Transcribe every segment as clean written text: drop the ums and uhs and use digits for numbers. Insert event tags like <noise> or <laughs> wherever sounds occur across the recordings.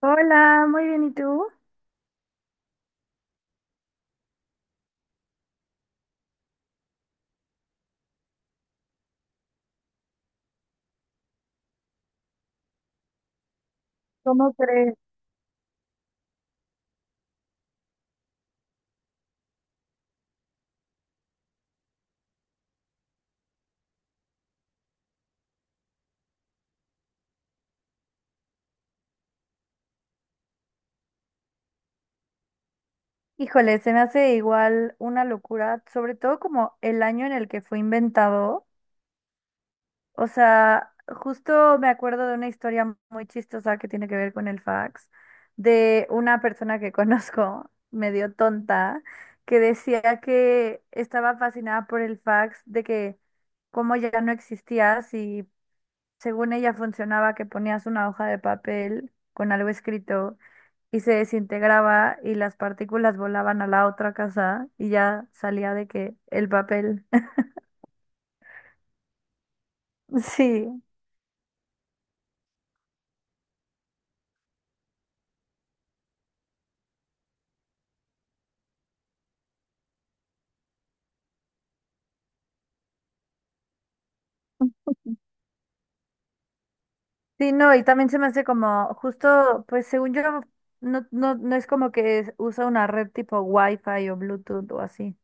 Hola, muy bien, ¿y tú? ¿Cómo crees? Híjole, se me hace igual una locura, sobre todo como el año en el que fue inventado. O sea, justo me acuerdo de una historia muy chistosa que tiene que ver con el fax, de una persona que <laughs> conozco, medio tonta, que decía que estaba fascinada por el fax, de que como ya no existía, si según ella funcionaba que ponías una hoja de papel con algo escrito y se desintegraba y las partículas volaban a la otra casa y ya salía de que el papel. <laughs> Sí, sí, no, y también se me hace como justo, pues según yo, no, no, no es como que usa una red tipo Wi-Fi o Bluetooth o así.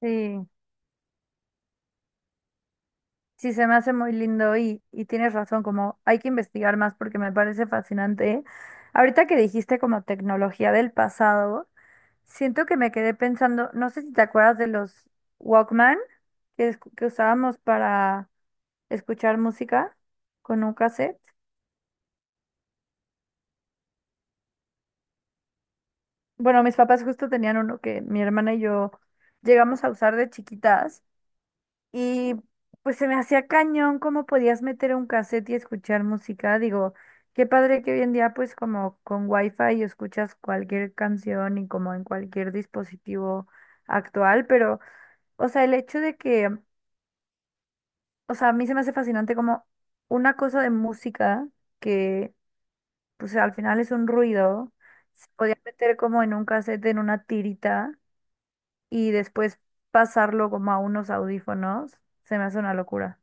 Sí, sí, se me hace muy lindo y tienes razón, como hay que investigar más porque me parece fascinante. Ahorita que dijiste como tecnología del pasado. Siento que me quedé pensando, no sé si te acuerdas de los Walkman que, que usábamos para escuchar música con un cassette. Bueno, mis papás justo tenían uno que mi hermana y yo llegamos a usar de chiquitas y pues se me hacía cañón cómo podías meter un cassette y escuchar música. Digo, qué padre que hoy en día pues como con Wi-Fi escuchas cualquier canción y como en cualquier dispositivo actual, pero o sea, el hecho de que o sea, a mí se me hace fascinante como una cosa de música que, pues al final es un ruido, se podía meter como en un cassette, en una tirita y después pasarlo como a unos audífonos, se me hace una locura.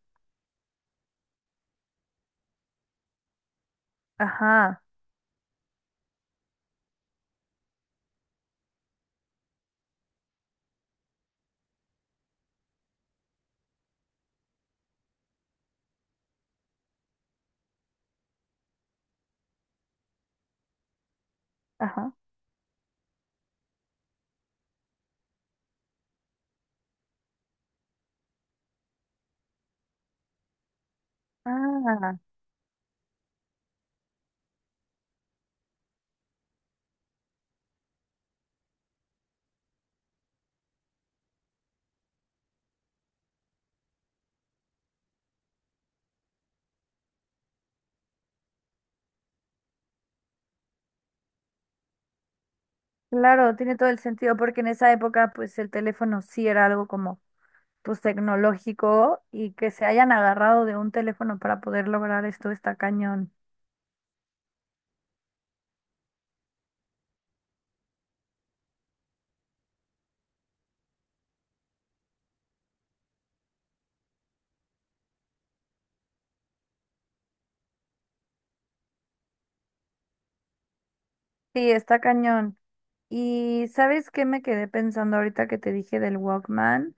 Ajá, ajá. Ah, claro, tiene todo el sentido porque en esa época pues el teléfono sí era algo como pues tecnológico y que se hayan agarrado de un teléfono para poder lograr esto está cañón. Sí, está cañón. Y ¿sabes qué me quedé pensando ahorita que te dije del Walkman?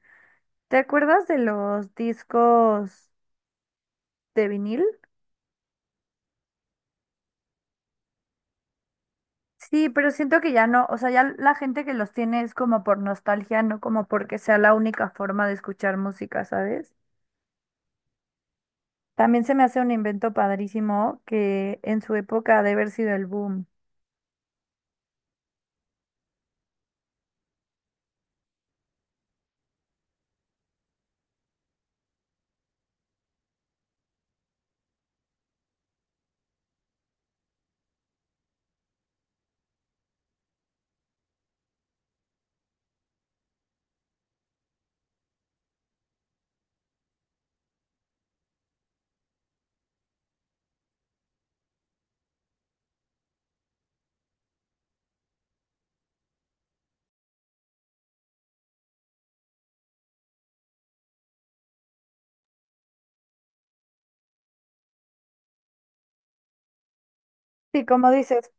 ¿Te acuerdas de los discos de vinil? Sí, pero siento que ya no, o sea, ya la gente que los tiene es como por nostalgia, no como porque sea la única forma de escuchar música, ¿sabes? También se me hace un invento padrísimo que en su época ha de haber sido el boom. Sí, como dices,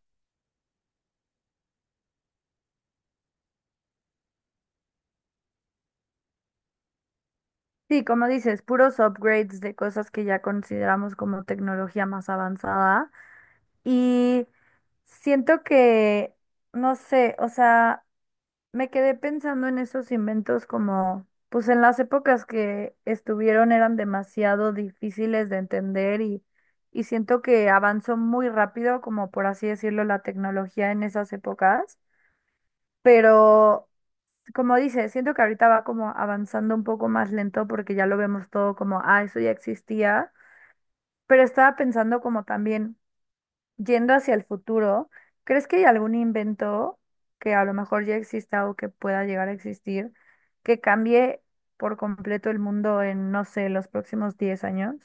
sí, como dices, puros upgrades de cosas que ya consideramos como tecnología más avanzada. Y siento que, no sé, o sea, me quedé pensando en esos inventos como, pues en las épocas que estuvieron eran demasiado difíciles de entender y siento que avanzó muy rápido, como por así decirlo, la tecnología en esas épocas. Pero, como dice, siento que ahorita va como avanzando un poco más lento porque ya lo vemos todo como, ah, eso ya existía. Pero estaba pensando como también yendo hacia el futuro, ¿crees que hay algún invento que a lo mejor ya exista o que pueda llegar a existir que cambie por completo el mundo en, no sé, los próximos 10 años?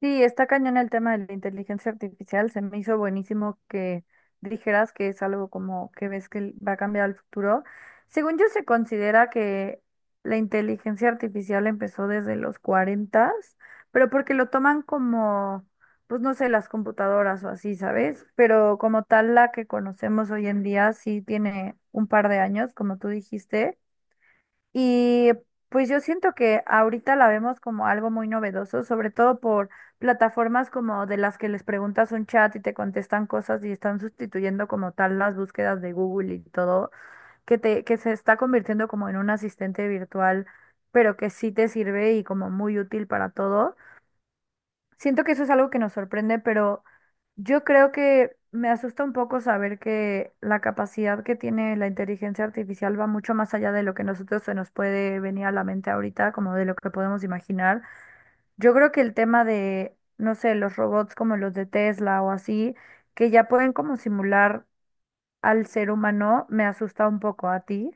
Sí, está cañón el tema de la inteligencia artificial. Se me hizo buenísimo que dijeras que es algo como que ves que va a cambiar el futuro. Según yo, se considera que la inteligencia artificial empezó desde los 40, pero porque lo toman como, pues no sé, las computadoras o así, ¿sabes? Pero como tal, la que conocemos hoy en día sí tiene un par de años, como tú dijiste. Y pues yo siento que ahorita la vemos como algo muy novedoso, sobre todo por plataformas como de las que les preguntas un chat y te contestan cosas y están sustituyendo como tal las búsquedas de Google y todo, que se está convirtiendo como en un asistente virtual, pero que sí te sirve y como muy útil para todo. Siento que eso es algo que nos sorprende, pero yo creo que me asusta un poco saber que la capacidad que tiene la inteligencia artificial va mucho más allá de lo que nosotros se nos puede venir a la mente ahorita, como de lo que podemos imaginar. Yo creo que el tema de, no sé, los robots como los de Tesla o así, que ya pueden como simular al ser humano, me asusta un poco a ti.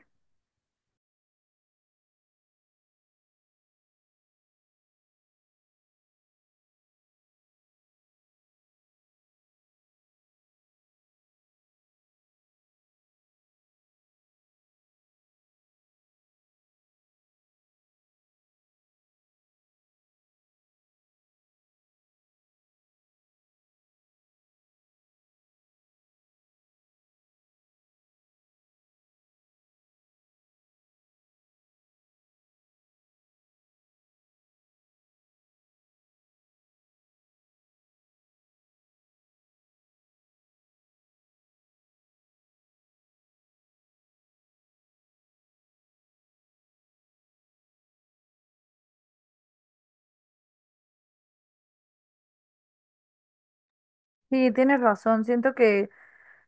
Sí, tienes razón. Siento que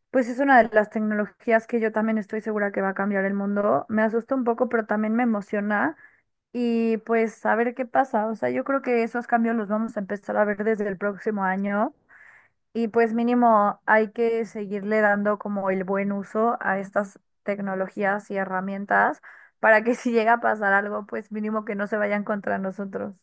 pues es una de las tecnologías que yo también estoy segura que va a cambiar el mundo. Me asusta un poco, pero también me emociona. Y pues a ver qué pasa. O sea, yo creo que esos cambios los vamos a empezar a ver desde el próximo año. Y pues mínimo hay que seguirle dando como el buen uso a estas tecnologías y herramientas para que <laughs> si llega a pasar algo, pues mínimo que no se vayan contra nosotros.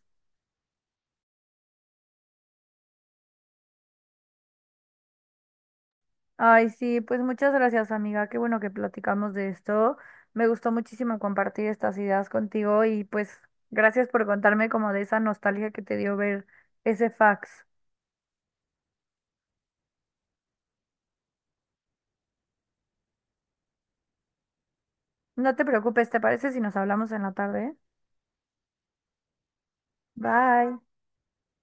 Ay, sí, pues muchas gracias, amiga. Qué bueno que platicamos de esto. Me gustó muchísimo compartir estas ideas contigo y pues gracias por contarme como de esa nostalgia que te dio ver ese fax. No te preocupes, ¿te parece si nos hablamos en la tarde? Bye.